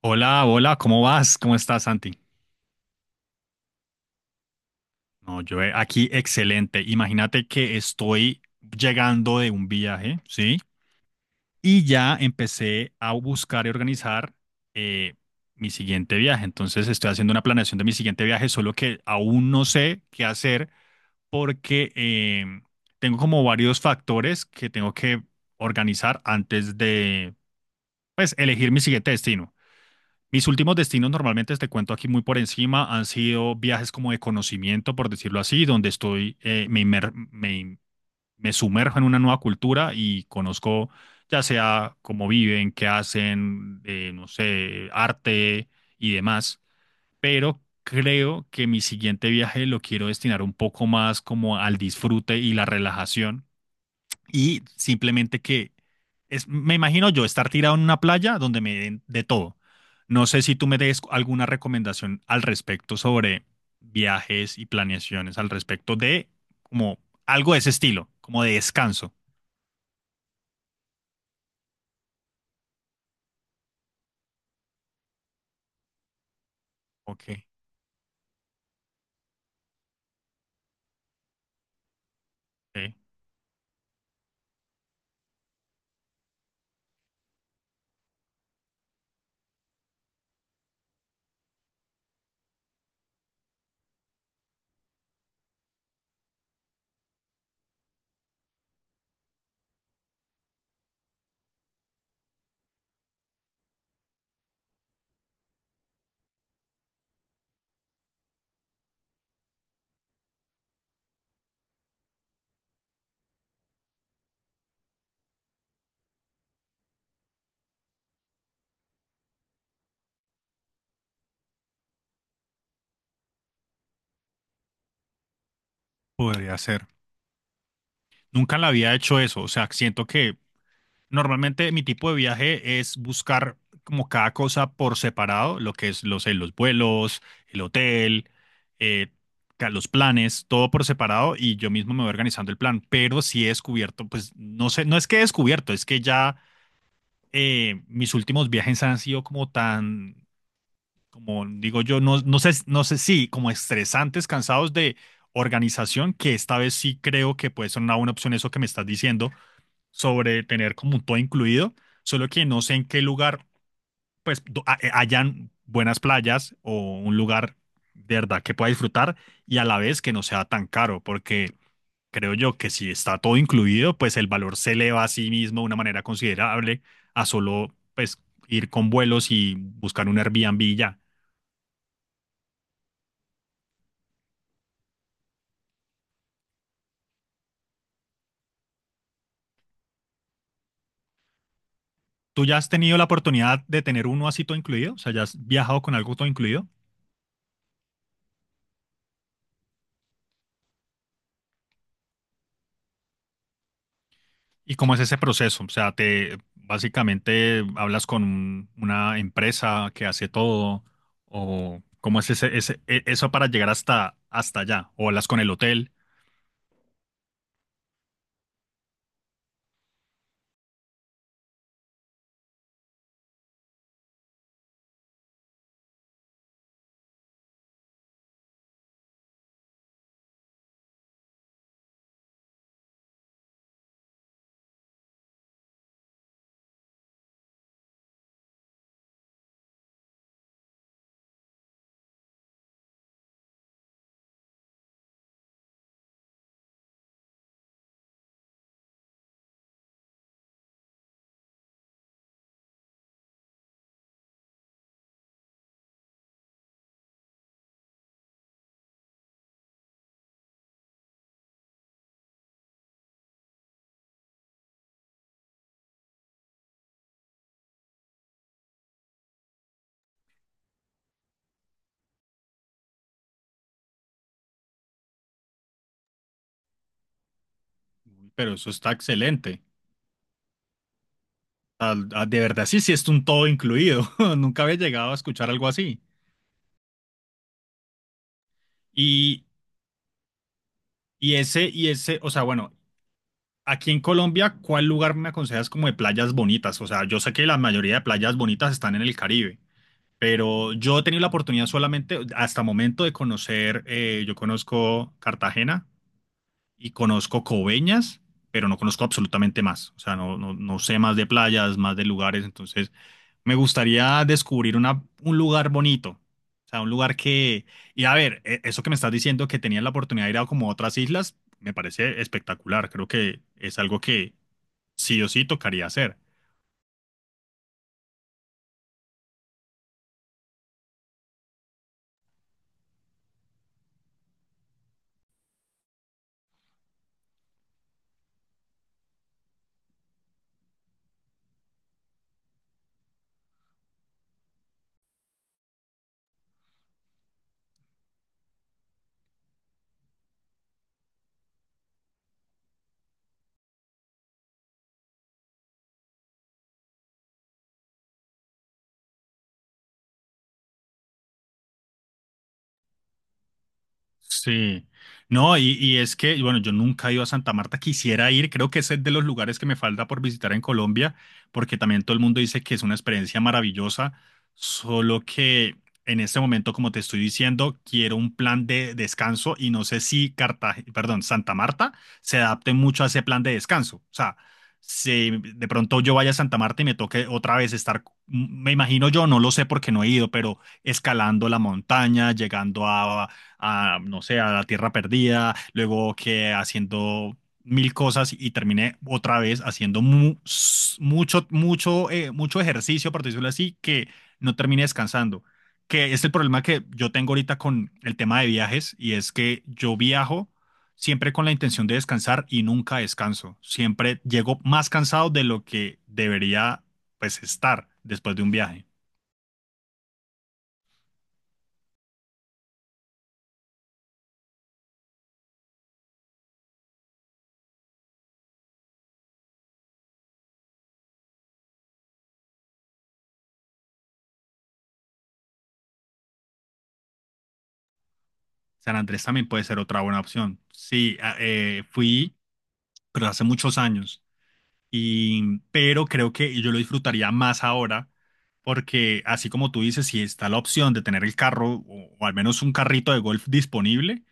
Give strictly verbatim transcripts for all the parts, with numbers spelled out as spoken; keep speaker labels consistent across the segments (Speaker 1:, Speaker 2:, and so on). Speaker 1: Hola, hola, ¿cómo vas? ¿Cómo estás, Santi? No, yo eh, aquí excelente. Imagínate que estoy llegando de un viaje, ¿sí? Y ya empecé a buscar y organizar eh, mi siguiente viaje. Entonces estoy haciendo una planeación de mi siguiente viaje, solo que aún no sé qué hacer porque eh, tengo como varios factores que tengo que organizar antes de, pues, elegir mi siguiente destino. Mis últimos destinos, normalmente te cuento aquí muy por encima, han sido viajes como de conocimiento, por decirlo así, donde estoy, eh, me, inmer- me, in- me sumerjo en una nueva cultura y conozco ya sea cómo viven, qué hacen, eh, no sé, arte y demás. Pero creo que mi siguiente viaje lo quiero destinar un poco más como al disfrute y la relajación y simplemente que es, me imagino yo estar tirado en una playa donde me den de todo. No sé si tú me des alguna recomendación al respecto sobre viajes y planeaciones al respecto de como algo de ese estilo, como de descanso. Ok, ¿sí? Podría ser. Nunca la había hecho eso, o sea, siento que normalmente mi tipo de viaje es buscar como cada cosa por separado, lo que es los, eh, los vuelos, el hotel, eh, ca- los planes, todo por separado y yo mismo me voy organizando el plan. Pero si he descubierto, pues no sé, no es que he descubierto, es que ya eh, mis últimos viajes han sido como tan, como digo yo, no, no sé, no sé si como estresantes, cansados de organización, que esta vez sí creo que puede ser una buena opción eso que me estás diciendo sobre tener como todo incluido, solo que no sé en qué lugar, pues, do- ha- eh, hayan buenas playas o un lugar de verdad que pueda disfrutar y a la vez que no sea tan caro, porque creo yo que si está todo incluido, pues el valor se eleva a sí mismo de una manera considerable a solo, pues, ir con vuelos y buscar un Airbnb y ya. ¿Tú ya has tenido la oportunidad de tener uno así todo incluido? O sea, ¿ya has viajado con algo todo incluido? ¿Y cómo es ese proceso? O sea, te básicamente hablas con un- una empresa que hace todo, o cómo es ese, ese- e- eso para llegar hasta, hasta allá, o hablas con el hotel. Uy, pero eso está excelente. Ah, ah, de verdad, sí, sí, es un todo incluido. Nunca había llegado a escuchar algo así. Y, y ese, y ese, o sea, bueno, aquí en Colombia, ¿cuál lugar me aconsejas como de playas bonitas? O sea, yo sé que la mayoría de playas bonitas están en el Caribe. Pero yo he tenido la oportunidad solamente hasta momento de conocer, eh, yo conozco Cartagena y conozco Coveñas, pero no conozco absolutamente más. O sea, no, no, no sé más de playas, más de lugares. Entonces, me gustaría descubrir una, un lugar bonito. O sea, un lugar que... Y a ver, e- eso que me estás diciendo, que tenías la oportunidad de ir a como otras islas, me parece espectacular. Creo que es algo que sí o sí tocaría hacer. Sí, no, y, y es que, bueno, yo nunca he ido a Santa Marta, quisiera ir, creo que ese es de los lugares que me falta por visitar en Colombia, porque también todo el mundo dice que es una experiencia maravillosa, solo que en este momento, como te estoy diciendo, quiero un plan de descanso y no sé si Cartagena, perdón, Santa Marta se adapte mucho a ese plan de descanso. O sea, si de pronto yo vaya a Santa Marta y me toque otra vez estar, me imagino yo, no lo sé porque no he ido, pero escalando la montaña, llegando a a, no sé, a la Tierra Perdida, luego que haciendo mil cosas y terminé otra vez haciendo mu- s- mucho, mucho, eh, mucho ejercicio, por decirlo así, que no terminé descansando. Que es el problema que yo tengo ahorita con el tema de viajes y es que yo viajo siempre con la intención de descansar y nunca descanso. Siempre llego más cansado de lo que debería, pues, estar después de un viaje. San Andrés también puede ser otra buena opción. Sí, a- eh, fui pero hace muchos años. Y, pero creo que yo lo disfrutaría más ahora, porque así como tú dices, si está la opción de tener el carro o, o al menos un carrito de golf disponible,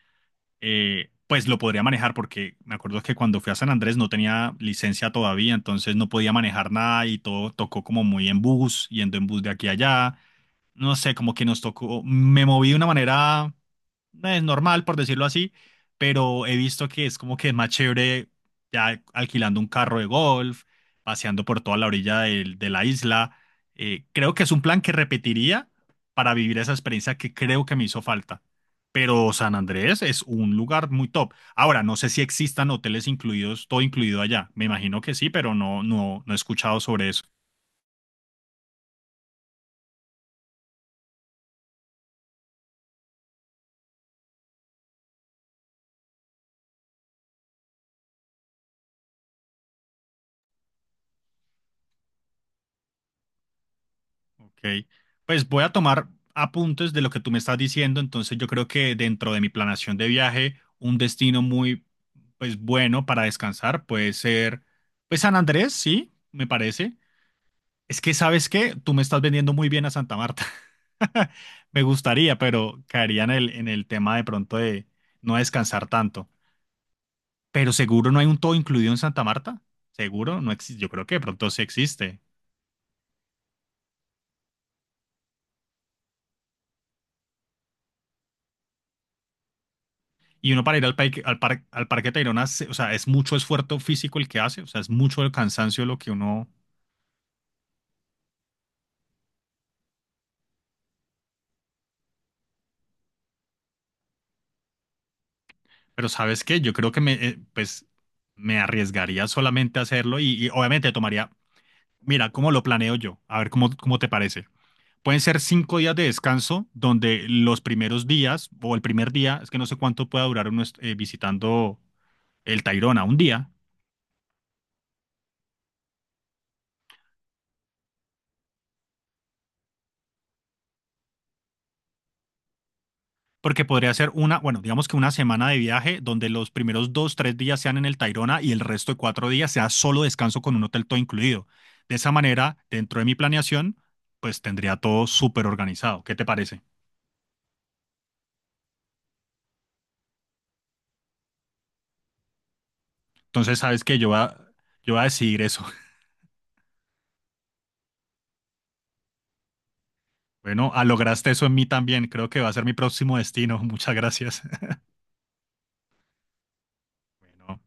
Speaker 1: eh, pues lo podría manejar, porque me acuerdo que cuando fui a San Andrés no tenía licencia todavía, entonces no podía manejar nada y todo tocó como muy en bus, yendo en bus de aquí a allá no sé, como que nos tocó, me moví de una manera eh, normal, por decirlo así, pero he visto que es como que es más chévere ya alquilando un carro de golf, paseando por toda la orilla del- de, la isla. Eh, creo que es un plan que repetiría para vivir esa experiencia que creo que me hizo falta. Pero San Andrés es un lugar muy top. Ahora, no sé si existan hoteles incluidos, todo incluido allá. Me imagino que sí, pero no, no, no he escuchado sobre eso. Ok, pues voy a tomar apuntes de lo que tú me estás diciendo, entonces yo creo que dentro de mi planación de viaje, un destino muy, pues bueno para descansar puede ser, pues San Andrés, sí, me parece. Es que, ¿sabes qué? Tú me estás vendiendo muy bien a Santa Marta. Me gustaría, pero caería en el, en el tema de pronto de no descansar tanto. Pero seguro no hay un todo incluido en Santa Marta. Seguro no existe. Yo creo que de pronto sí existe. Y uno para ir al, parque, al, par- al Parque Tayrona, se- o sea, es mucho esfuerzo físico el que hace, o sea, es mucho el cansancio lo que uno... Pero ¿sabes qué? Yo creo que me, eh, pues, me arriesgaría solamente a hacerlo y, y obviamente tomaría, mira, cómo lo planeo yo, a ver cómo, cómo te parece. Pueden ser cinco días de descanso donde los primeros días o el primer día, es que no sé cuánto pueda durar uno est- eh, visitando el Tayrona, un día, porque podría ser una, bueno, digamos que una semana de viaje donde los primeros dos, tres días sean en el Tayrona y el resto de cuatro días sea solo descanso con un hotel todo incluido. De esa manera, dentro de mi planeación, pues tendría todo súper organizado. ¿Qué te parece? Entonces, sabes que yo voy a, yo voy a decidir eso. Bueno, ah, lograste eso en mí también. Creo que va a ser mi próximo destino. Muchas gracias. Bueno,